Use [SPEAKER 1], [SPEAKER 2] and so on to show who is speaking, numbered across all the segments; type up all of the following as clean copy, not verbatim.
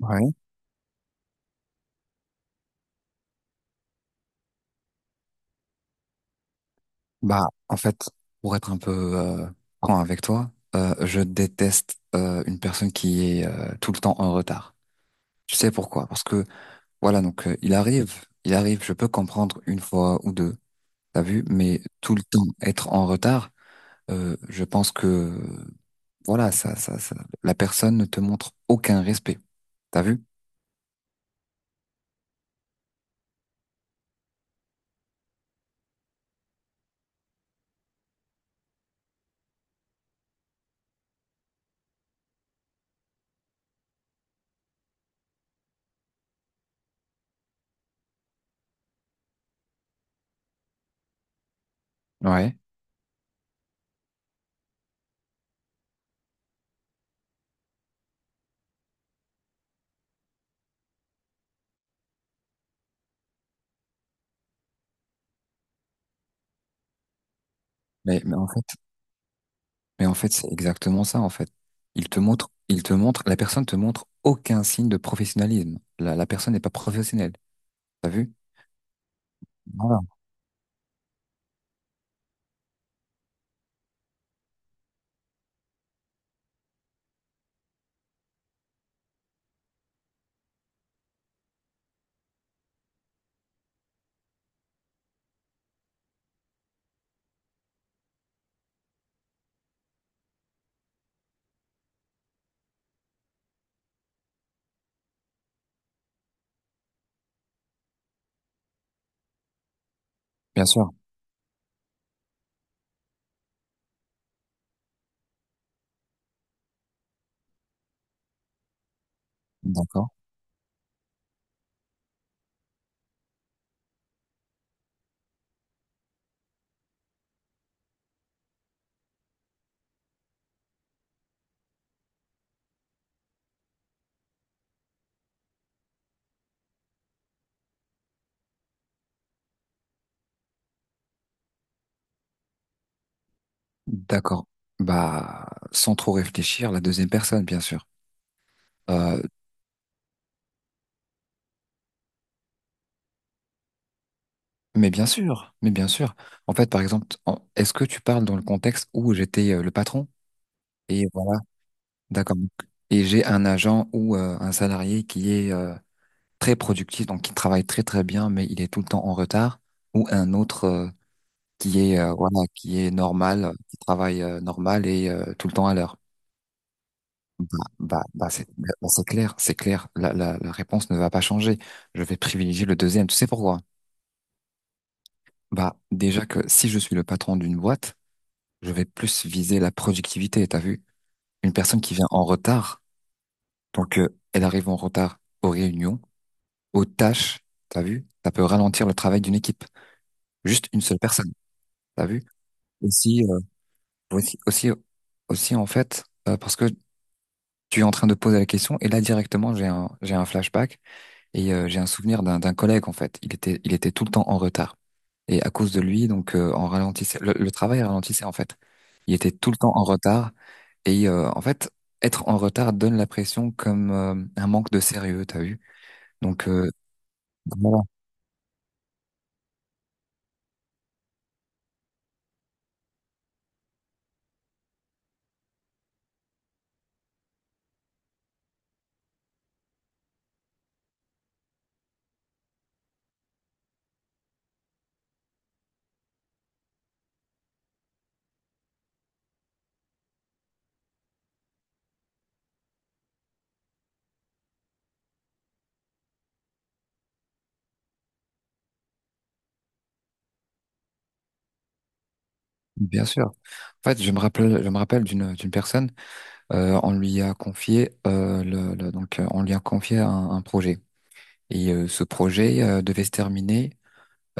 [SPEAKER 1] Ouais, bah en fait, pour être un peu euh, franc avec toi, je déteste une personne qui est tout le temps en retard. Tu sais pourquoi? Parce que voilà, donc il arrive, je peux comprendre une fois ou deux, t'as vu, mais tout le temps être en retard, je pense que voilà, ça, la personne ne te montre aucun respect, t'as vu? Ouais. Mais en fait, c'est exactement ça, en fait. Il te montre, la personne te montre aucun signe de professionnalisme. La personne n'est pas professionnelle. T'as vu? Voilà, bien sûr. D'accord. D'accord. Bah, sans trop réfléchir, la deuxième personne, bien sûr. Euh, mais bien sûr, mais bien sûr. En fait, par exemple, est-ce que tu parles dans le contexte où j'étais le patron? Et voilà, d'accord. Et j'ai un agent ou un salarié qui est très productif, donc qui travaille très très bien, mais il est tout le temps en retard, ou un autre. Qui est voilà, qui est normal, qui travaille normal et tout le temps à l'heure. C'est clair, c'est clair. La réponse ne va pas changer. Je vais privilégier le deuxième. Tu sais pourquoi? Bah, déjà que si je suis le patron d'une boîte, je vais plus viser la productivité, t'as vu? Une personne qui vient en retard, donc elle arrive en retard aux réunions, aux tâches, t'as vu? Ça peut ralentir le travail d'une équipe. Juste une seule personne, t'as vu? Aussi, euh, aussi, aussi, Aussi en fait, parce que tu es en train de poser la question et là directement j'ai un flashback et j'ai un souvenir d'un collègue en fait. Il était tout le temps en retard et à cause de lui donc on ralentissait le travail ralentissait en fait. Il était tout le temps en retard et en fait être en retard donne la pression comme un manque de sérieux t'as vu. Donc euh, voilà, bien sûr. En fait je me rappelle d'une personne on lui a confié donc on lui a confié un projet et ce projet devait se terminer.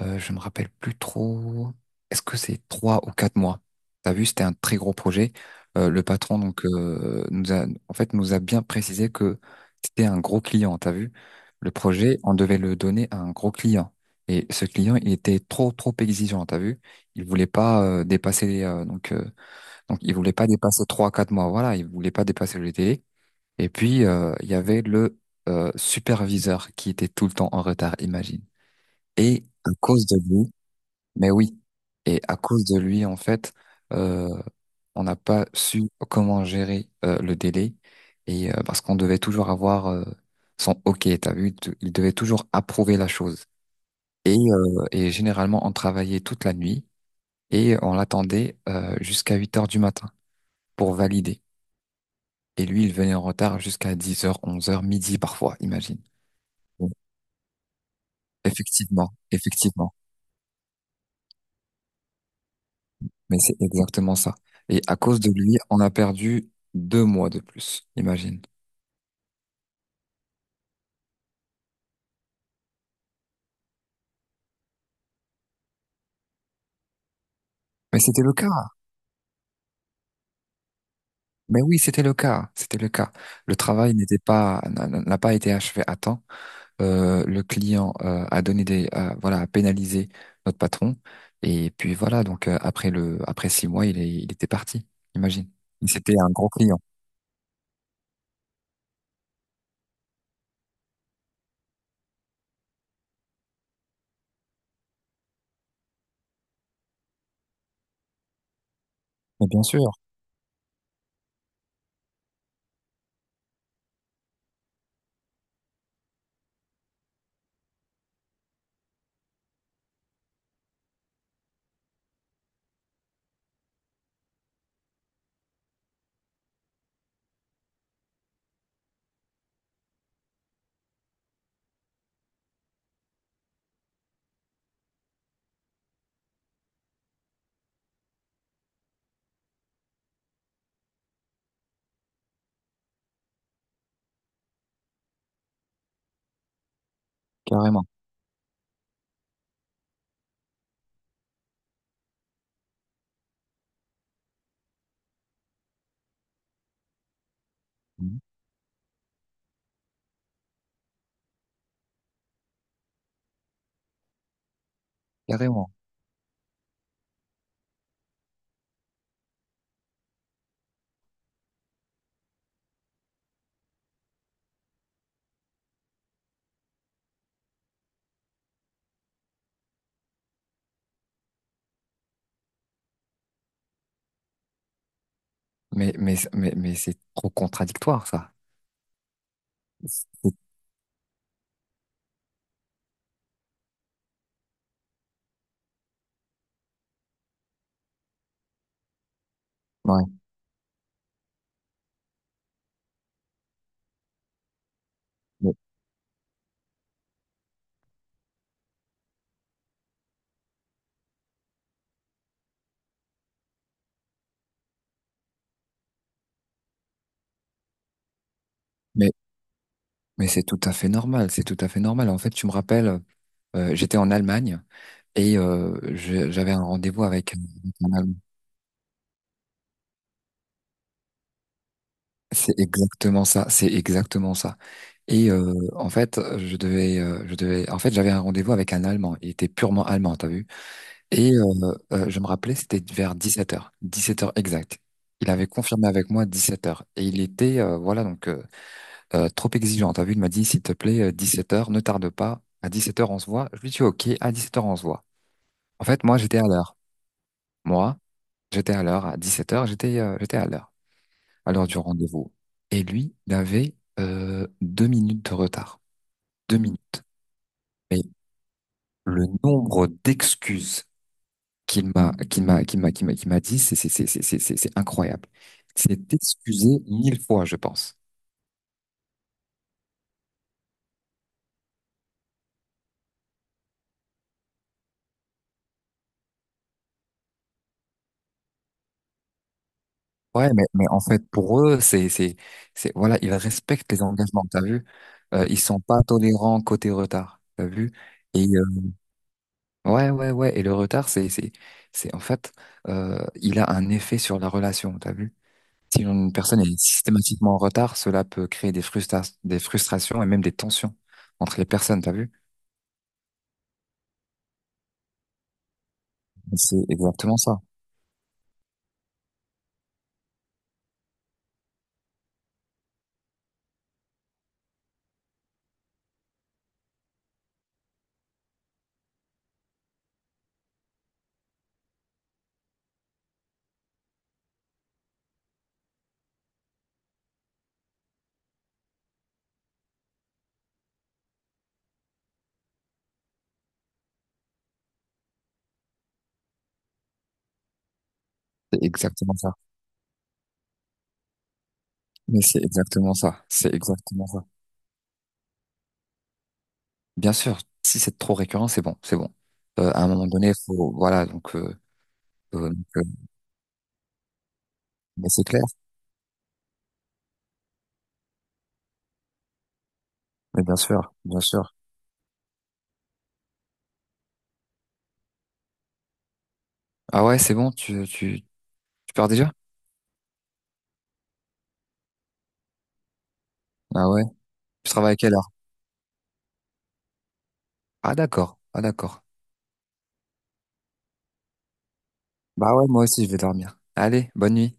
[SPEAKER 1] Je me rappelle plus trop. Est-ce que c'est 3 ou 4 mois? T'as vu, c'était un très gros projet. Le patron donc nous a, en fait, nous a bien précisé que c'était un gros client. T'as vu, le projet, on devait le donner à un gros client. Et ce client, il était trop trop exigeant. T'as vu, il voulait pas dépasser donc il voulait pas dépasser 3 4 mois. Voilà, il voulait pas dépasser le délai. Et puis il y avait le superviseur qui était tout le temps en retard. Imagine. Et à cause de lui. Mais oui, et à cause de lui, en fait, euh, on n'a pas su comment gérer le délai, et parce qu'on devait toujours avoir son OK, t'as vu, il devait toujours approuver la chose. Et généralement, on travaillait toute la nuit et on l'attendait jusqu'à 8 heures du matin pour valider. Et lui, il venait en retard jusqu'à 10 heures, 11 heures, midi parfois, imagine. Donc, Effectivement, effectivement. Mais c'est exactement ça. Et à cause de lui, on a perdu 2 mois de plus, imagine. Mais c'était le cas. Mais oui, c'était le cas. C'était le cas. Le travail n'a pas été achevé à temps. Le client a donné des, voilà, a pénalisé notre patron. Et puis voilà. Donc après après 6 mois, il était parti. Imagine. Et c'était un gros client. Mais bien sûr, carrément, mhm, carrément. Mais c'est trop contradictoire ça. C'est- Ouais. Mais, mais Mais c'est tout à fait normal, c'est tout à fait normal. En fait, tu me rappelles, j'étais en Allemagne et j'avais un rendez-vous avec un Allemand. C'est exactement ça, c'est exactement ça. Et en fait, je devais, en fait, j'avais un rendez-vous avec un Allemand. Il était purement allemand, t'as vu? Et je me rappelais, c'était vers 17 h, 17 heures exact. Il avait confirmé avec moi 17 heures. Et il était, voilà, trop exigeant. T'as vu? Il m'a dit, s'il te plaît, 17 heures, ne tarde pas. À 17 heures, on se voit. Je lui dis, OK, à 17 heures, on se voit. En fait, moi, j'étais à l'heure. Moi, j'étais à l'heure. À 17 heures. J'étais j'étais à l'heure. À l'heure du rendez-vous. Et lui, il avait 2 minutes de retard. 2 minutes. Mais le nombre d'excuses qu'il m'a dit, c'est incroyable. C'est excusé 1 000 fois, je pense. Ouais, mais en fait, pour eux, c'est voilà, ils respectent les engagements. T'as vu? Ils sont pas tolérants côté retard. T'as vu? Et ouais, ouais, ouais. Et le retard, en fait, il a un effet sur la relation, t'as vu? Si une personne est systématiquement en retard, cela peut créer des des frustrations et même des tensions entre les personnes, t'as vu? C'est exactement ça. C'est exactement ça. Mais c'est exactement ça. C'est exactement ça. Bien sûr, si c'est trop récurrent, c'est bon, c'est bon. À un moment donné, faut, voilà, euh, donc, euh, mais c'est clair. Mais bien sûr, bien sûr. Ah ouais, c'est bon, tu pars déjà? Ah ouais. Tu travailles à quelle heure? Ah d'accord, ah d'accord. Bah ouais, moi aussi, je vais dormir. Allez, bonne nuit.